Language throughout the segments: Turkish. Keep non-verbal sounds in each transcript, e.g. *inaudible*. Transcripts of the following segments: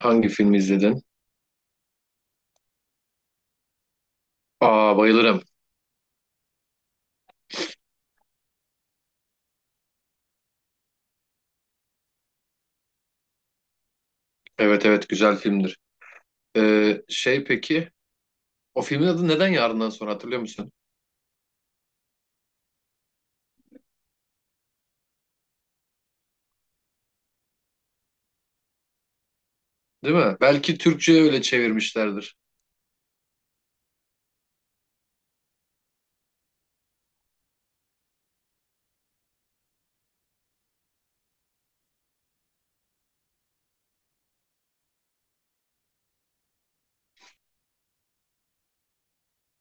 Hangi filmi izledin? Aa, bayılırım. Evet, evet, güzel filmdir. Şey, peki o filmin adı neden Yarından Sonra, hatırlıyor musun? Değil mi? Belki Türkçe'ye öyle çevirmişlerdir.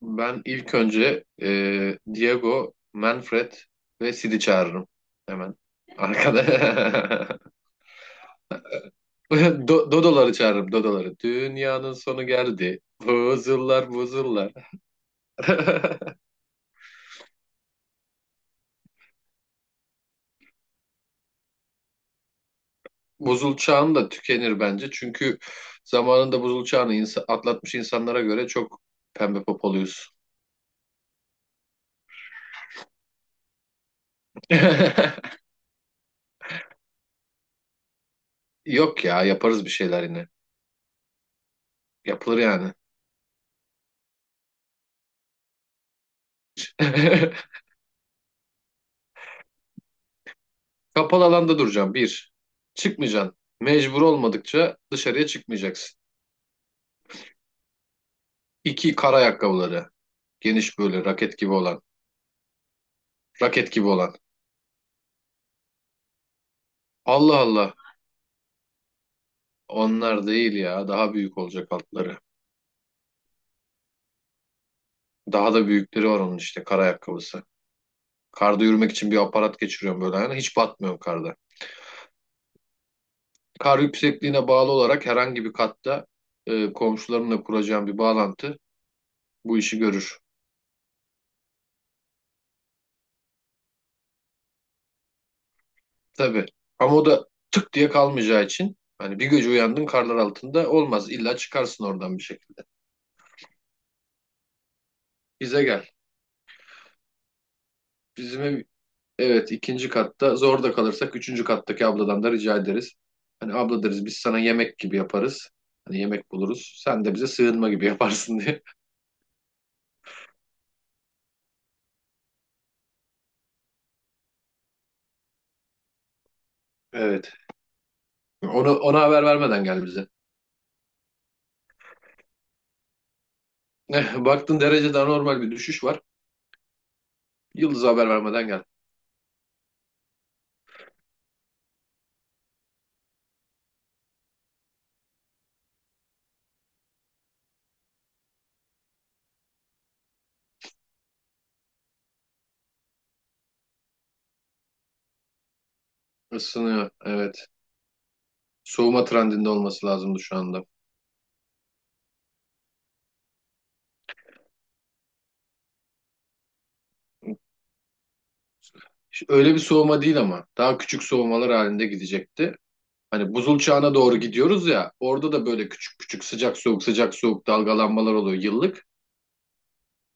Ben ilk önce Diego, Manfred ve Sid'i çağırırım. Hemen. Arkada. *laughs* Dodoları çağırırım. Dodoları. Dünyanın sonu geldi. Buzullar buzullar. *laughs* Buzul çağın da tükenir bence. Çünkü zamanında buzul çağını atlatmış insanlara göre çok pembe popoluyuz. *laughs* Yok ya, yaparız bir şeyler yine. Yapılır yani. *laughs* Kapalı alanda duracaksın. Bir, çıkmayacaksın. Mecbur olmadıkça dışarıya çıkmayacaksın. İki, kar ayakkabıları. Geniş, böyle raket gibi olan. Raket gibi olan. Allah Allah. Onlar değil ya. Daha büyük olacak altları. Daha da büyükleri var onun, işte kar ayakkabısı. Karda yürümek için bir aparat geçiriyorum böyle ayağına. Hiç batmıyorum karda. Kar yüksekliğine bağlı olarak herhangi bir katta komşularımla kuracağım bir bağlantı bu işi görür. Tabii. Ama o da tık diye kalmayacağı için, hani bir gece uyandın karlar altında olmaz. İlla çıkarsın oradan bir şekilde. Bize gel. Bizim ev, evet, ikinci katta. Zor da kalırsak üçüncü kattaki abladan da rica ederiz. Hani abla deriz biz sana, yemek gibi yaparız. Hani yemek buluruz. Sen de bize sığınma gibi yaparsın diye. *laughs* Evet. Ona haber vermeden gel bize. Eh, baktın derecede anormal bir düşüş var. Yıldız'a haber vermeden gel. Isınıyor. Evet. Soğuma trendinde olması lazımdı şu anda. Öyle bir soğuma değil ama. Daha küçük soğumalar halinde gidecekti. Hani buzul çağına doğru gidiyoruz ya. Orada da böyle küçük küçük sıcak soğuk sıcak soğuk dalgalanmalar oluyor yıllık.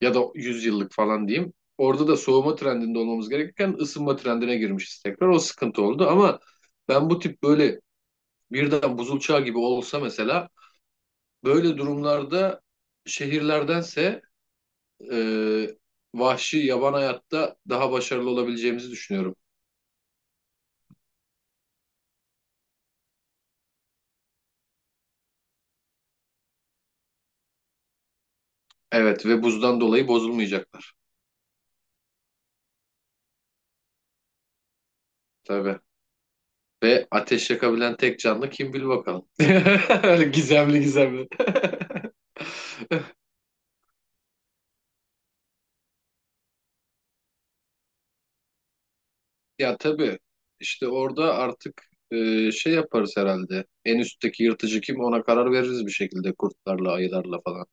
Ya da 100 yıllık falan diyeyim. Orada da soğuma trendinde olmamız gerekirken ısınma trendine girmişiz tekrar. O sıkıntı oldu ama ben bu tip böyle birden buzul çağı gibi olsa mesela, böyle durumlarda şehirlerdense e, vahşi yaban hayatta daha başarılı olabileceğimizi düşünüyorum. Evet, ve buzdan dolayı bozulmayacaklar tabii. Ve ateş yakabilen tek canlı kim, bil bakalım. *laughs* Öyle gizemli gizemli. *laughs* Ya tabii, işte orada artık şey yaparız herhalde. En üstteki yırtıcı kim, ona karar veririz bir şekilde, kurtlarla, ayılarla falan.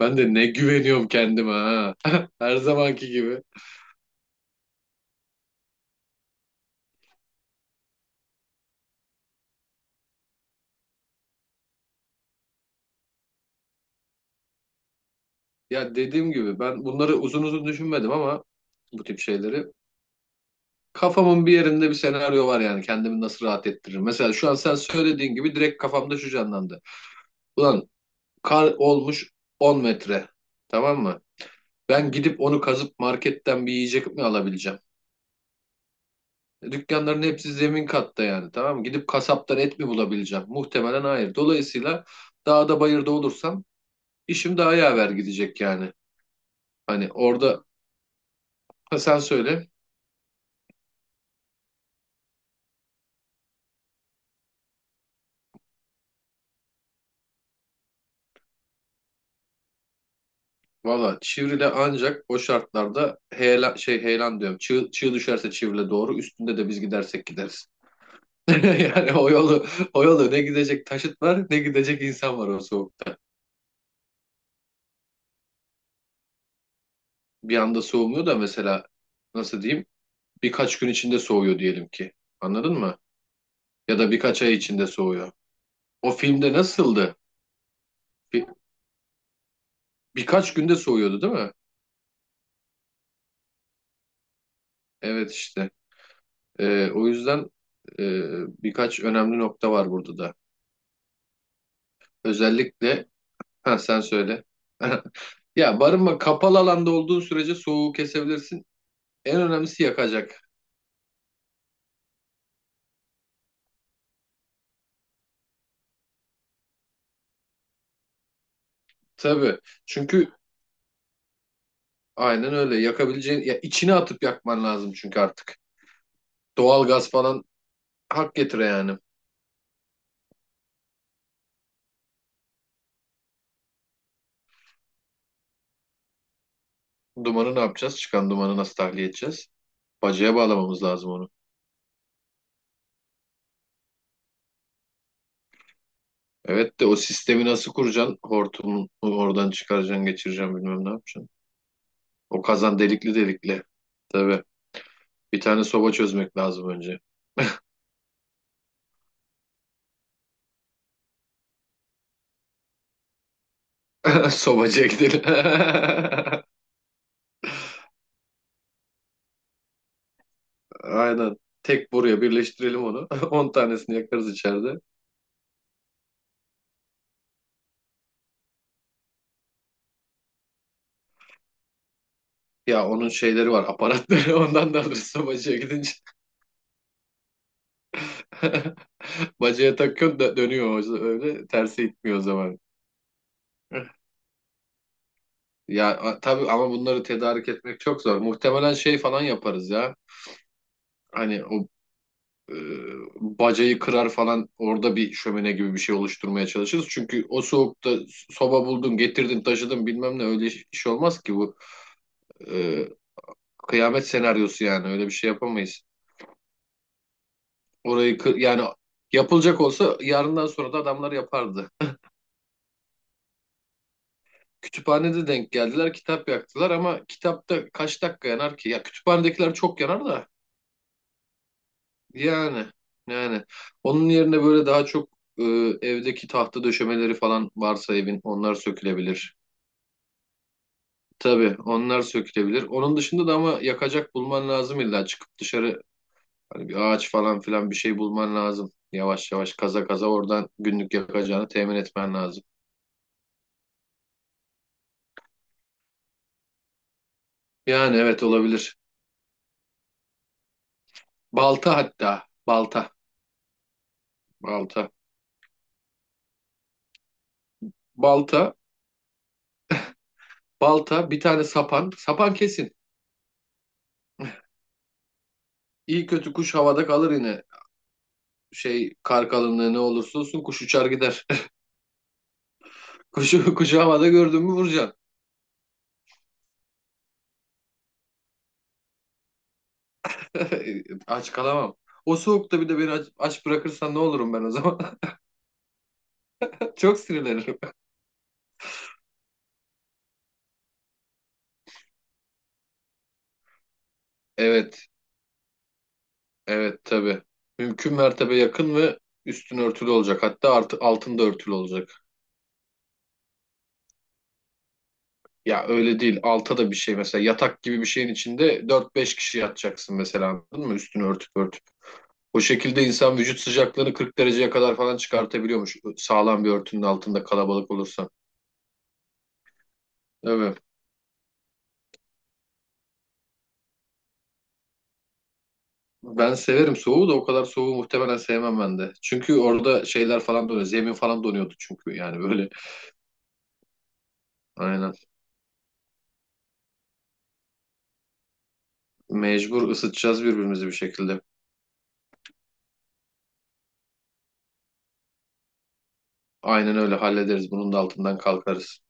Ben de ne güveniyorum kendime, ha. *laughs* Her zamanki gibi. Ya dediğim gibi, ben bunları uzun uzun düşünmedim ama bu tip şeyleri. Kafamın bir yerinde bir senaryo var yani, kendimi nasıl rahat ettiririm. Mesela şu an sen söylediğin gibi direkt kafamda şu canlandı. Ulan, kar olmuş 10 metre, tamam mı? Ben gidip onu kazıp marketten bir yiyecek mi alabileceğim? Dükkanların hepsi zemin katta yani, tamam mı? Gidip kasaptan et mi bulabileceğim? Muhtemelen hayır. Dolayısıyla dağda bayırda olursam işim daha yaver gidecek yani. Hani orada, ha, sen söyle. Valla Çivril'e ancak o şartlarda heyelan, şey, heyelan diyorum. Çığ, çığ düşerse Çivril'e doğru. Üstünde de biz gidersek gideriz. *laughs* Yani o yolu, o yolu ne gidecek taşıt var, ne gidecek insan var o soğukta. Bir anda soğumuyor da mesela, nasıl diyeyim, birkaç gün içinde soğuyor diyelim ki. Anladın mı? Ya da birkaç ay içinde soğuyor. O filmde nasıldı? Bir, Birkaç günde soğuyordu değil mi? Evet, işte. O yüzden e, birkaç önemli nokta var burada da. Özellikle ha, sen söyle. *laughs* Ya barınma, kapalı alanda olduğun sürece soğuğu kesebilirsin. En önemlisi yakacak. Tabii. Çünkü aynen öyle. Yakabileceğin, ya içine atıp yakman lazım çünkü artık. Doğal gaz falan hak getire yani. Dumanı ne yapacağız? Çıkan dumanı nasıl tahliye edeceğiz? Bacaya bağlamamız lazım onu. Evet de o sistemi nasıl kuracaksın? Hortumu oradan çıkaracaksın, geçireceksin, bilmem ne yapacaksın. O kazan delikli delikli. Tabii. Bir tane soba çözmek lazım önce. *laughs* Sobacıya gidelim. *laughs* Aynen. Tek buraya birleştirelim onu. *laughs* 10 tanesini yakarız içeride. Ya onun şeyleri var, aparatları. *laughs* Ondan da alırsa bacaya gidince. *laughs* Bacaya takıyorsun da dönüyor öyle. Tersi gitmiyor o zaman. *laughs* Ya tabii ama bunları tedarik etmek çok zor. Muhtemelen şey falan yaparız ya. Hani o e, bacayı kırar falan, orada bir şömine gibi bir şey oluşturmaya çalışırız. Çünkü o soğukta soba buldun, getirdin, taşıdın, bilmem ne, öyle iş iş olmaz ki bu. E, Kıyamet senaryosu yani, öyle bir şey yapamayız. Orayı yani yapılacak olsa Yarından sonra da adamlar yapardı. Kütüphanede denk geldiler, kitap yaktılar ama kitapta kaç dakika yanar ki? Ya kütüphanedekiler çok yanar da yani, yani onun yerine böyle daha çok e, evdeki tahta döşemeleri falan varsa evin, onlar sökülebilir. Tabii onlar sökülebilir. Onun dışında da ama yakacak bulman lazım, illa çıkıp dışarı. Hani bir ağaç falan filan bir şey bulman lazım. Yavaş yavaş kaza kaza oradan günlük yakacağını temin etmen lazım. Yani evet, olabilir. Balta, hatta. Balta. Balta. Balta. Balta. Bir tane sapan. Sapan kesin. İyi kötü kuş havada kalır yine. Şey, kar kalınlığı ne olursa olsun kuş uçar gider. *laughs* Kuşu, kuşu havada gördün mü vuracaksın. *laughs* Aç kalamam. O soğukta bir de beni aç, aç bırakırsan ne olurum ben o zaman? *laughs* Çok sinirlenirim. Evet. Evet tabii. Mümkün mertebe yakın ve üstün örtülü olacak. Hatta artı, altında örtülü olacak. Ya öyle değil. Alta da bir şey, mesela yatak gibi bir şeyin içinde dört beş kişi yatacaksın mesela, anladın mı? Üstünü örtüp örtüp. O şekilde insan vücut sıcaklığını 40 dereceye kadar falan çıkartabiliyormuş. Sağlam bir örtünün altında kalabalık olursa. Evet. Ben severim soğuğu da o kadar soğuğu muhtemelen sevmem ben de. Çünkü orada şeyler falan donuyor. Zemin falan donuyordu çünkü, yani böyle. Aynen. Mecbur ısıtacağız birbirimizi bir şekilde. Aynen öyle hallederiz. Bunun da altından kalkarız.